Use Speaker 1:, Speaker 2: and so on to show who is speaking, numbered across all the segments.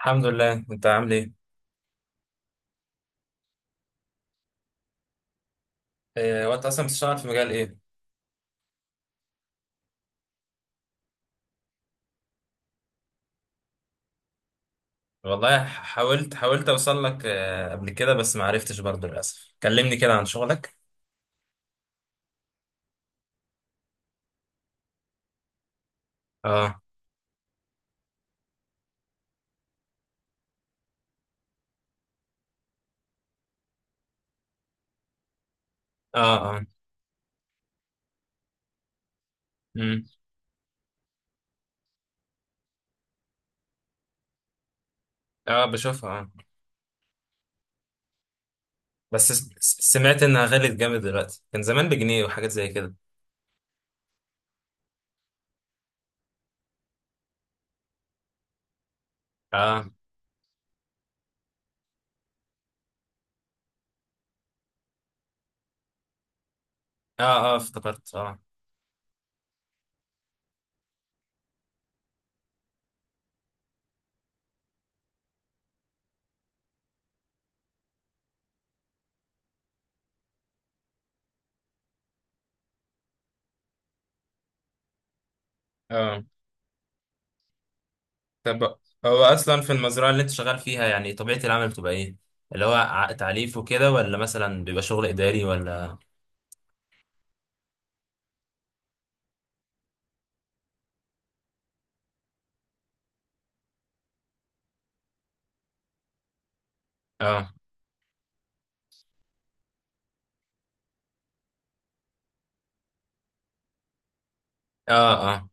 Speaker 1: الحمد لله، انت عامل ايه؟ إيه، وانت اصلا بتشتغل في مجال ايه؟ والله حاولت اوصل لك، قبل كده بس ما عرفتش برضه للاسف. كلمني كده عن شغلك. اه. اه. اه. امم. اه بشوفها، اه. بس سمعت انها غلت جامد دلوقتي، كان زمان بجنيه وحاجات زي كده. اه اه. اه افتكرت، اه اه. طب هو اصلا في المزرعه اللي انت شغال فيها يعني طبيعه العمل بتبقى ايه؟ اللي هو تعليف وكده، ولا مثلا بيبقى شغل اداري ولا؟ اه. اه. اه.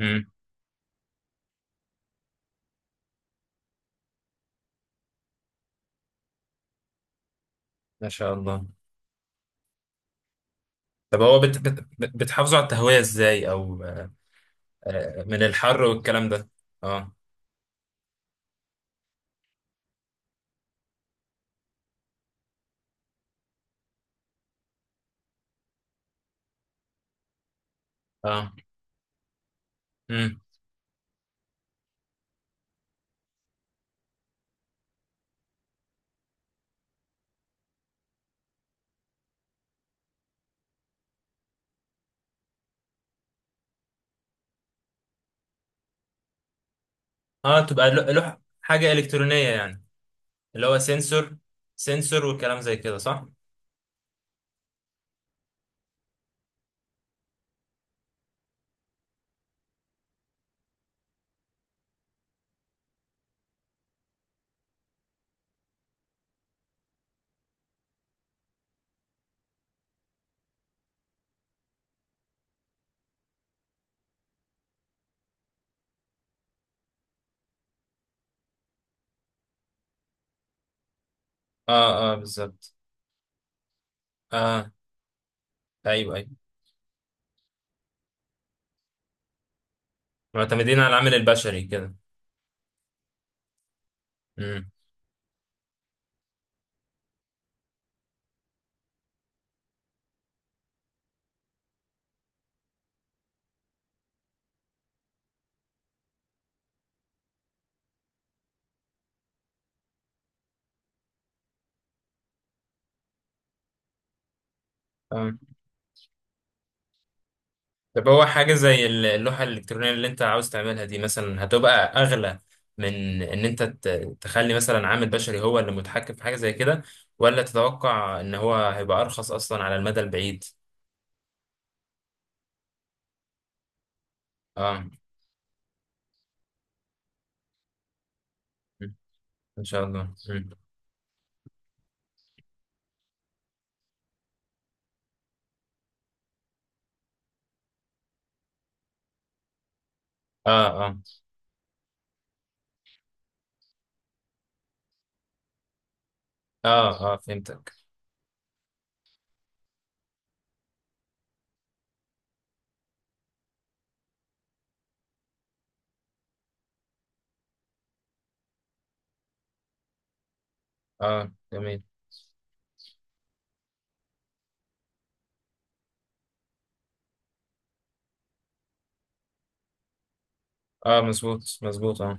Speaker 1: امم. ما شاء الله. طب هو بتحافظوا على التهوية ازاي، او آه، من الحر والكلام ده؟ اه. اه. امم. اه تبقى لوح حاجة إلكترونية يعني، اللي هو سنسور؟ سنسور والكلام زي كده، صح؟ اه اه، بالظبط. اه ايوه ايوه، معتمدين على العامل البشري كده. امم. طب هو حاجة زي اللوحة الإلكترونية اللي أنت عاوز تعملها دي مثلا هتبقى أغلى من إن أنت تخلي مثلا عامل بشري هو اللي متحكم في حاجة زي كده، ولا تتوقع إن هو هيبقى أرخص أصلا على المدى البعيد؟ آه. مم. إن شاء الله. مم. آه. آه آه آه فهمتك. آه، جميل. آه، مظبوط مظبوط، آه.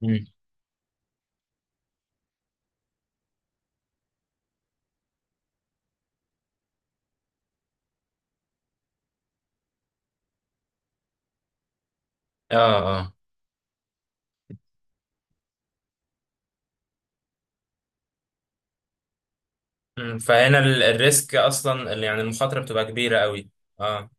Speaker 1: مم. آه آه. مم. فهنا الريسك أصلا، يعني المخاطرة بتبقى كبيرة قوي. آه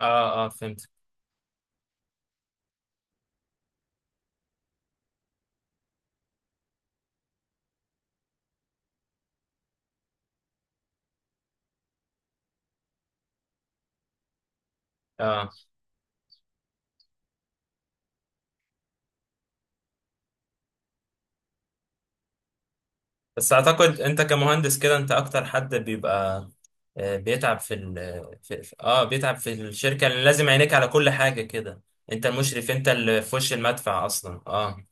Speaker 1: آه آه، فهمت. بس اعتقد انت كمهندس كده انت اكتر حد بيبقى بيتعب في ال بيتعب في الشركة اللي لازم عينيك على كل حاجة كده. انت المشرف، انت اللي في وش المدفع اصلا، اه.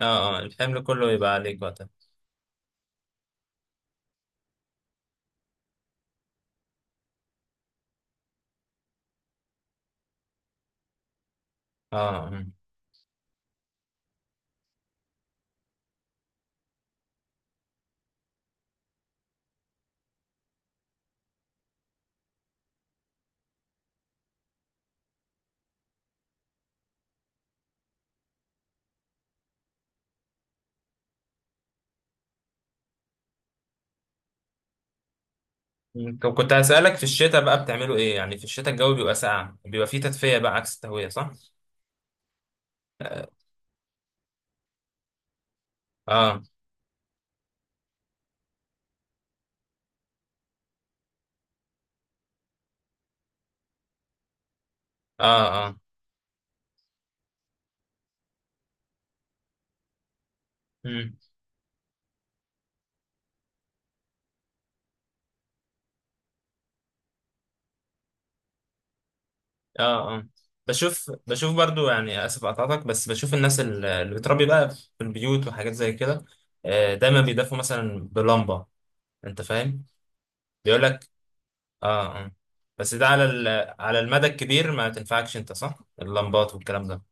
Speaker 1: اه اه، الحمل كله يبقى عليك وقتها. اه. مم. مم. طب كنت هسألك في الشتاء بقى بتعملوا ايه؟ يعني في الشتاء الجو بيبقى ساقع، بيبقى فيه تدفئة بقى عكس التهوية، صح؟ اه اه اه. مم. اه اه، بشوف بشوف برضو، يعني اسف اقطعتك، بس بشوف الناس اللي بتربي بقى في البيوت وحاجات زي كده. دايما بيدفوا مثلا بلمبه. انت فاهم؟ بيقول لك. اه اه. بس ده على على المدى الكبير ما تنفعكش انت، صح؟ اللمبات والكلام ده.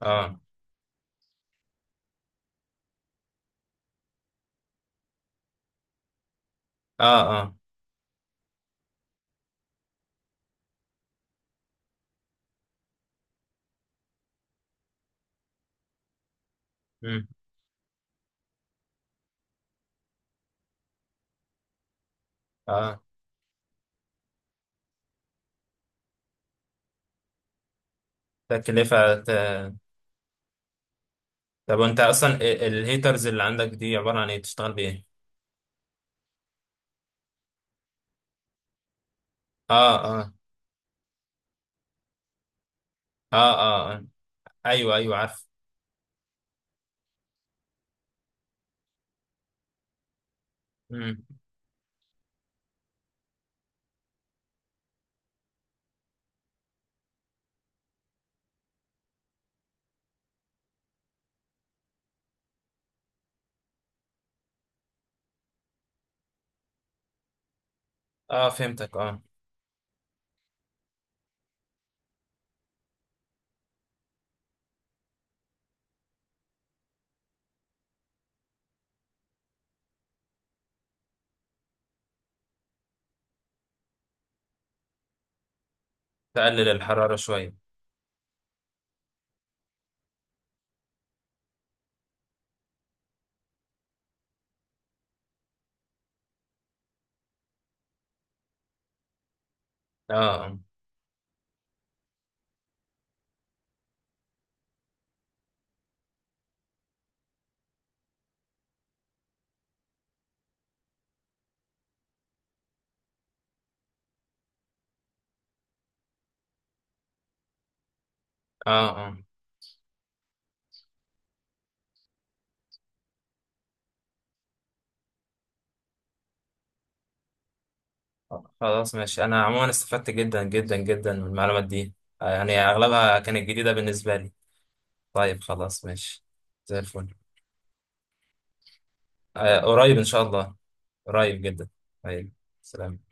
Speaker 1: اه اه اه. مم. اه، تكلفه. طب وانت اصلا الهيترز اللي عندك دي عباره عن ايه؟ بتشتغل بايه؟ اه اه اه اه، آه. ايوه ايوه، عارف. مم. اه فهمتك، اه. تقلل الحراره شويه. اه اه اه، خلاص ماشي. انا عموما استفدت جدا جدا جدا من المعلومات دي. يعني اغلبها كانت جديدة بالنسبة لي. طيب خلاص ماشي. زي الفل. قريب ان شاء الله. قريب جدا. طيب. سلام.